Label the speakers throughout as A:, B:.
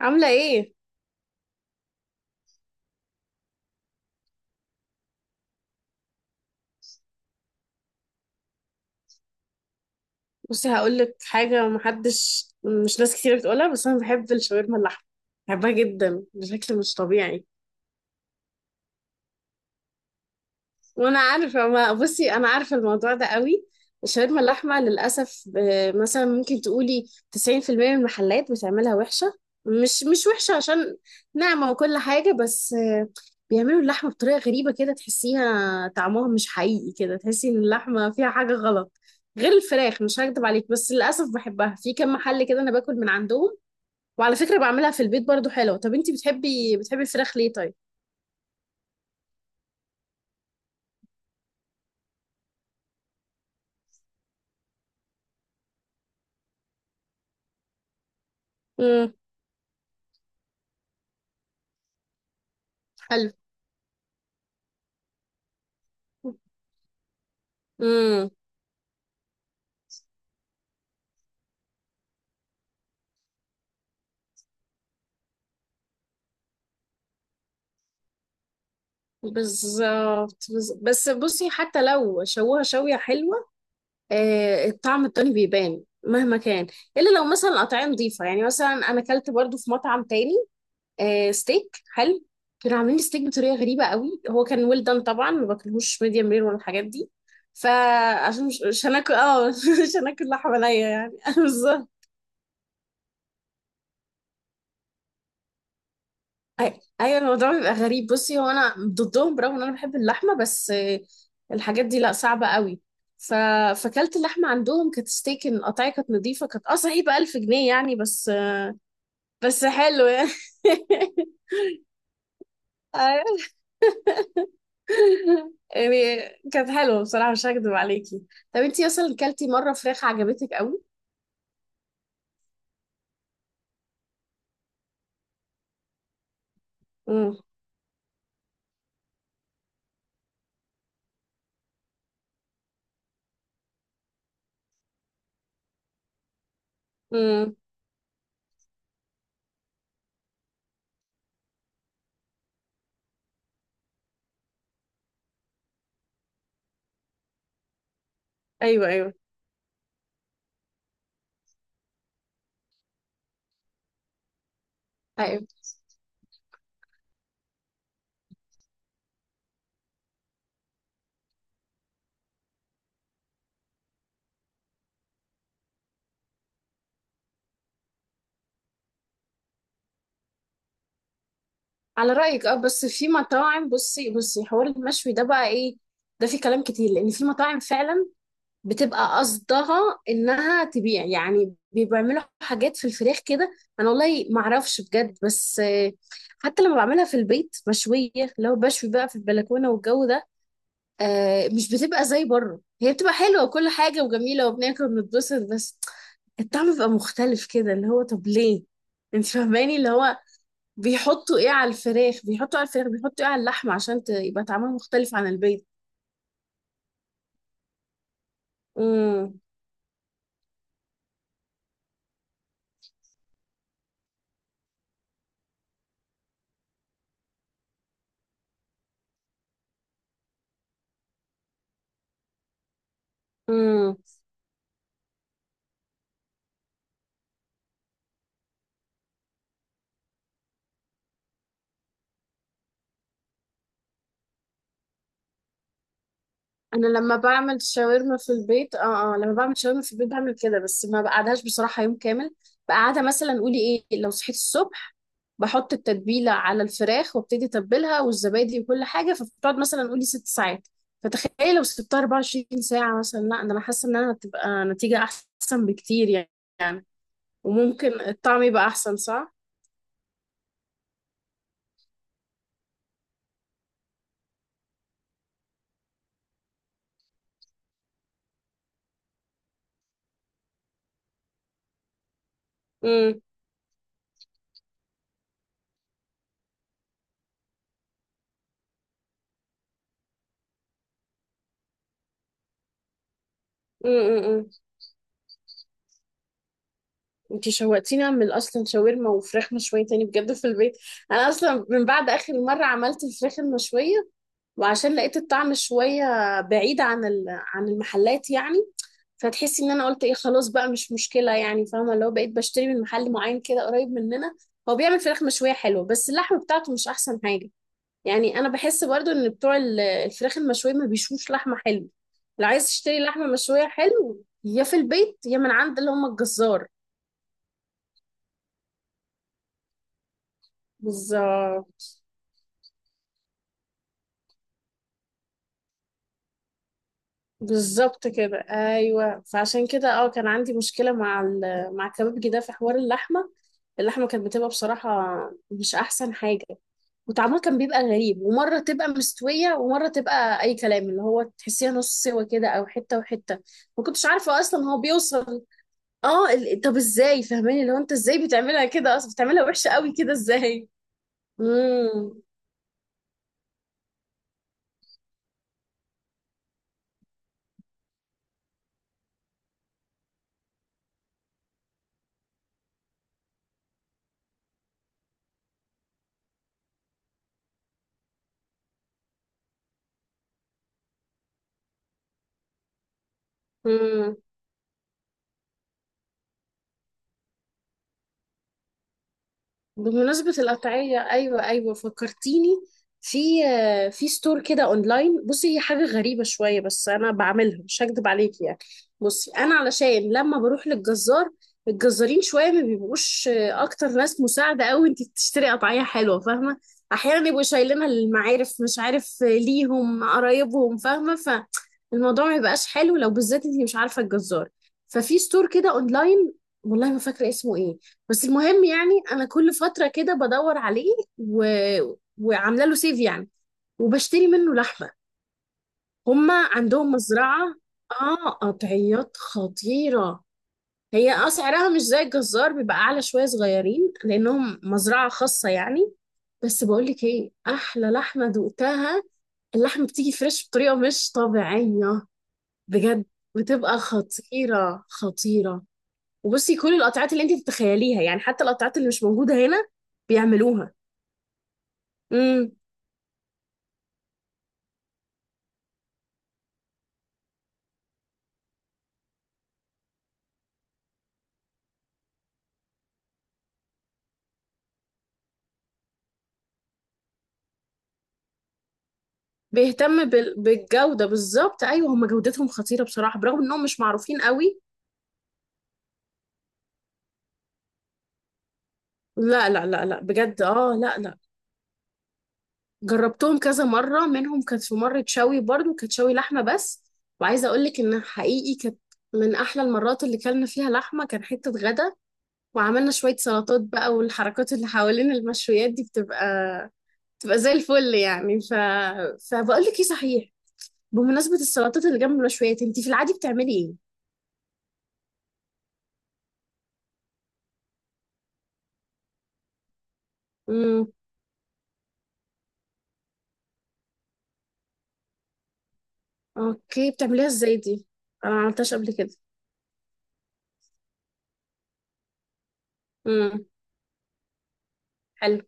A: عاملة ايه؟ بصي هقولك حاجة، محدش مش ناس كتير بتقولها بس أنا بحب الشاورما اللحمة، بحبها جدا بشكل مش طبيعي. وانا عارفه، ما بصي انا عارفه الموضوع ده قوي. الشاورما اللحمه للاسف مثلا ممكن تقولي 90% من المحلات بتعملها وحشه. مش وحشه عشان ناعمه وكل حاجه، بس بيعملوا اللحمه بطريقه غريبه كده، تحسيها طعمها مش حقيقي، كده تحسي ان اللحمه فيها حاجه غلط. غير الفراخ مش هكدب عليك، بس للاسف بحبها في كم محل كده انا باكل من عندهم. وعلى فكره بعملها في البيت برضو حلوه. طب انتي بتحبي الفراخ ليه طيب؟ امم. حلو. امم. بالظبط، بس بصي حتى لو شوها شوية حلوة، الطعم التاني بيبان مهما كان، إلا لو مثلا قطعية نظيفة. يعني مثلا أنا أكلت برضو في مطعم تاني ستيك حلو. كانوا عاملين ستيك بطريقة غريبة قوي، هو كان ويل دان طبعا، ما باكلهوش ميديم رير ولا الحاجات دي. فعشان مش هناكل اه مش هناكل لحمة نية يعني بالظبط. ايوه الموضوع بيبقى غريب. بصي هو انا ضدهم برغم ان انا بحب اللحمه، بس الحاجات دي لا، صعبه قوي. ف... فكلت اللحمه عندهم، كانت ستيك، القطعيه كانت نظيفه، كانت اه صحيح ب 1000 جنيه يعني، بس بس حلو يعني. أيوة. يعني كانت حلوه بصراحه مش هكدب عليكي. طب انتي اصلا كلتي مره فراخ عجبتك قوي؟ امم. امم. ايوه، ايوه، ايوه. على رايك اه، بس في مطاعم، بصي حوار المشوي ده بقى ايه ده، في كلام كتير لان في مطاعم فعلا بتبقى قصدها انها تبيع يعني، بيعملوا حاجات في الفراخ كده. انا والله ما اعرفش بجد، بس حتى لما بعملها في البيت مشويه، لو بشوي بقى في البلكونه والجو ده مش بتبقى زي بره. هي بتبقى حلوه وكل حاجه وجميله وبناكل وبنتبسط، بس الطعم بيبقى مختلف كده، اللي هو طب ليه؟ انت فاهماني اللي هو بيحطوا ايه على الفراخ، بيحطوا على الفراخ، بيحطوا ايه على اللحمه عشان يبقى طعمها مختلف عن البيت. امم. امم. انا لما بعمل شاورما في البيت، لما بعمل شاورما في البيت بعمل كده، بس ما بقعدهاش بصراحة يوم كامل. بقعدها مثلا قولي ايه، لو صحيت الصبح بحط التتبيلة على الفراخ وابتدي اتبلها والزبادي وكل حاجة، فبتقعد مثلا قولي ست ساعات. فتخيلي لو سبتها 24 ساعة مثلا، لا، ده انا حاسة ان انا هتبقى نتيجة احسن بكتير يعني. وممكن الطعم يبقى احسن صح؟ امم. إمم، إمم، إمم. انتي شوقتيني اعمل اصلا شاورما وفراخ مشويه تاني بجد في البيت. انا اصلا من بعد اخر مره عملت الفراخ المشويه، وعشان لقيت الطعم شويه بعيد عن عن المحلات يعني، فتحسي ان انا قلت ايه، خلاص بقى مش مشكله يعني، فاهمه اللي هو بقيت بشتري من محل معين كده قريب مننا. هو بيعمل فراخ مشويه حلوه، بس اللحمه بتاعته مش احسن حاجه. يعني انا بحس برضو ان بتوع الفراخ المشويه ما بيشوش لحمه حلوه. لو عايز تشتري لحمه مشويه حلو، يا في البيت يا من عند اللي هم الجزار. بالظبط. بالظبط كده ايوه، فعشان كده اه كان عندي مشكله مع مع كبابجي ده في حوار اللحمه. اللحمه كانت بتبقى بصراحه مش احسن حاجه، وطعمها كان بيبقى غريب، ومره تبقى مستويه ومره تبقى اي كلام، اللي هو تحسيها نص سوا كده او حته وحته، ما كنتش عارفه اصلا هو بيوصل. اه طب ازاي؟ فاهماني اللي هو انت ازاي بتعملها كده اصلا، بتعملها وحشه قوي كده ازاي؟ امم. بمناسبة القطعية أيوة، أيوة فكرتيني في في ستور كده أونلاين. بصي هي حاجة غريبة شوية بس أنا بعملها مش هكدب عليكي يعني. بصي أنا علشان لما بروح للجزار، الجزارين شوية ما بيبقوش أكتر ناس مساعدة أوي أنت تشتري قطعية حلوة، فاهمة؟ أحيانا يبقوا شايلينها للمعارف مش عارف ليهم قرايبهم، فاهمة. فالموضوع ما يبقاش حلو لو بالذات أنت مش عارفة الجزار. ففي ستور كده أونلاين، والله ما فاكرة اسمه إيه، بس المهم يعني انا كل فتره كده بدور عليه، و... وعامله له سيف يعني، وبشتري منه لحمه. هما عندهم مزرعه، اه قطعيات خطيره. هي اه سعرها مش زي الجزار، بيبقى اعلى شويه صغيرين لانهم مزرعه خاصه يعني، بس بقول لك ايه احلى لحمه دقتها، اللحمه بتيجي فريش بطريقه مش طبيعيه. بجد بتبقى خطيره خطيره. وبصي كل القطعات اللي انت تتخيليها يعني، حتى القطعات اللي مش موجودة هنا بيعملوها. امم. بيهتم بالجودة بالظبط. ايوه، هم جودتهم خطيرة بصراحة برغم انهم مش معروفين قوي. لا، لا، لا، لا، بجد اه، لا، لا. جربتهم كذا مرة منهم، كانت في مرة شوي برضو كانت شوي لحمة بس. وعايزة اقول لك ان حقيقي كانت من احلى المرات اللي كلنا فيها لحمة، كان حتة غدا وعملنا شوية سلطات بقى، والحركات اللي حوالين المشويات دي بتبقى زي الفل يعني. فبقول لك ايه صحيح، بمناسبة السلطات اللي جنب المشويات انتي في العادي بتعملي ايه؟ امم. اوكي بتعمليها ازاي دي؟ انا ما عملتهاش قبل كده. امم. حلو.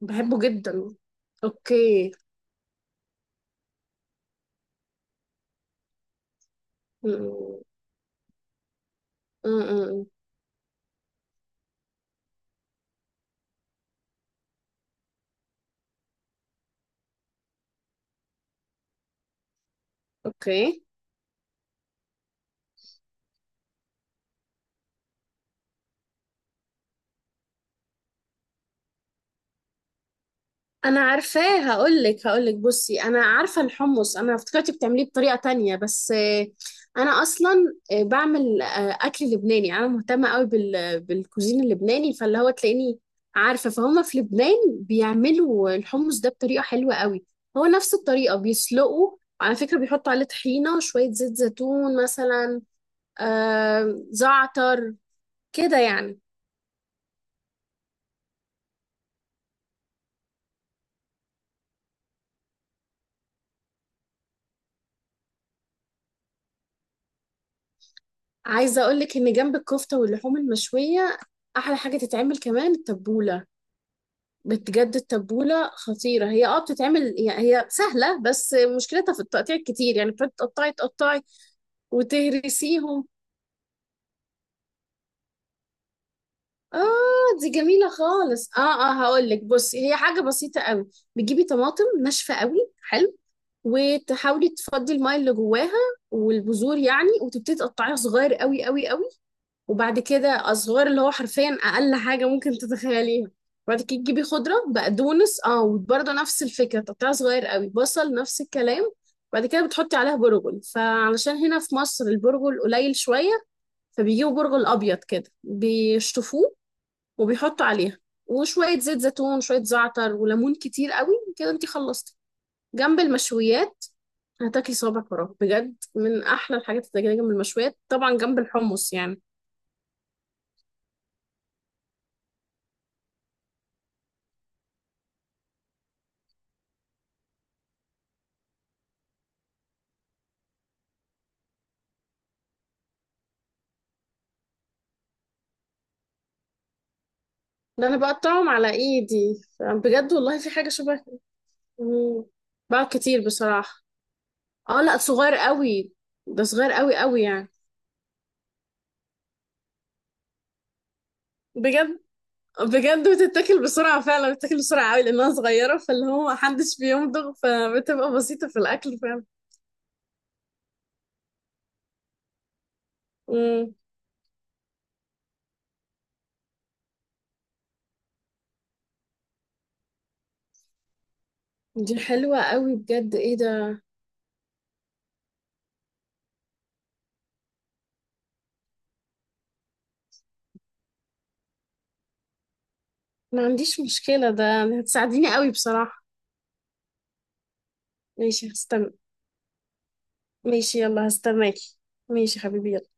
A: بحبه جدا. اوكي. امم. امم. اوكي. انا عارفاه، هقولك بصي انا عارفه الحمص، انا افتكرت بتعمليه بطريقه تانية، بس انا اصلا بعمل اكل لبناني، انا مهتمه قوي بال بالكوزين اللبناني، فاللي هو تلاقيني عارفه فهم في لبنان بيعملوا الحمص ده بطريقه حلوه قوي. هو نفس الطريقه بيسلقوا على فكره، بيحطوا عليه طحينه شويه زيت زيتون مثلا، زعتر كده يعني. عايزه اقولك ان جنب الكفته واللحوم المشويه احلى حاجه تتعمل كمان التبوله. بجد التبولة خطيرة، هي اه بتتعمل، هي هي سهلة بس مشكلتها في التقطيع كتير يعني، بتقعدي تقطعي تقطعي وتهرسيهم. اه دي جميلة خالص اه اه، هقول لك بصي هي حاجة بسيطة قوي. بتجيبي طماطم ناشفة قوي، حلو، وتحاولي تفضي الماء اللي جواها والبذور يعني، وتبتدي تقطعيها صغير قوي قوي قوي. وبعد كده أزوار اللي هو حرفيا أقل حاجة ممكن تتخيليها. بعد كده تجيبي خضرة بقدونس اه وبرضه نفس الفكرة تقطيع صغير قوي، بصل نفس الكلام. بعد كده بتحطي عليها برغل، فعلشان هنا في مصر البرغل قليل شوية، فبيجيبوا برغل أبيض كده بيشطفوه وبيحطوا عليها. وشوية زيت زيتون، شوية زعتر وليمون كتير قوي كده انتي خلصتي. جنب المشويات هتاكلي صوابع فراغ بجد، من أحلى الحاجات اللي تاكليها جنب المشويات، طبعا جنب الحمص يعني. ده انا بقطعهم على ايدي بجد والله، في حاجه شبه. مم. بقى كتير بصراحه. اه لا، صغير قوي، ده صغير قوي قوي يعني. بجد. بجد بتتاكل بسرعه فعلا بتتاكل بسرعه قوي لانها صغيره، فاللي هو محدش بيمضغ فبتبقى بسيطه في الاكل فعلا. مم. دي حلوه قوي بجد، ايه ده. ما عنديش مشكله ده، هتساعديني قوي بصراحه. ماشي هستنى. ماشي يلا هستناكي. ماشي حبيبي يلا.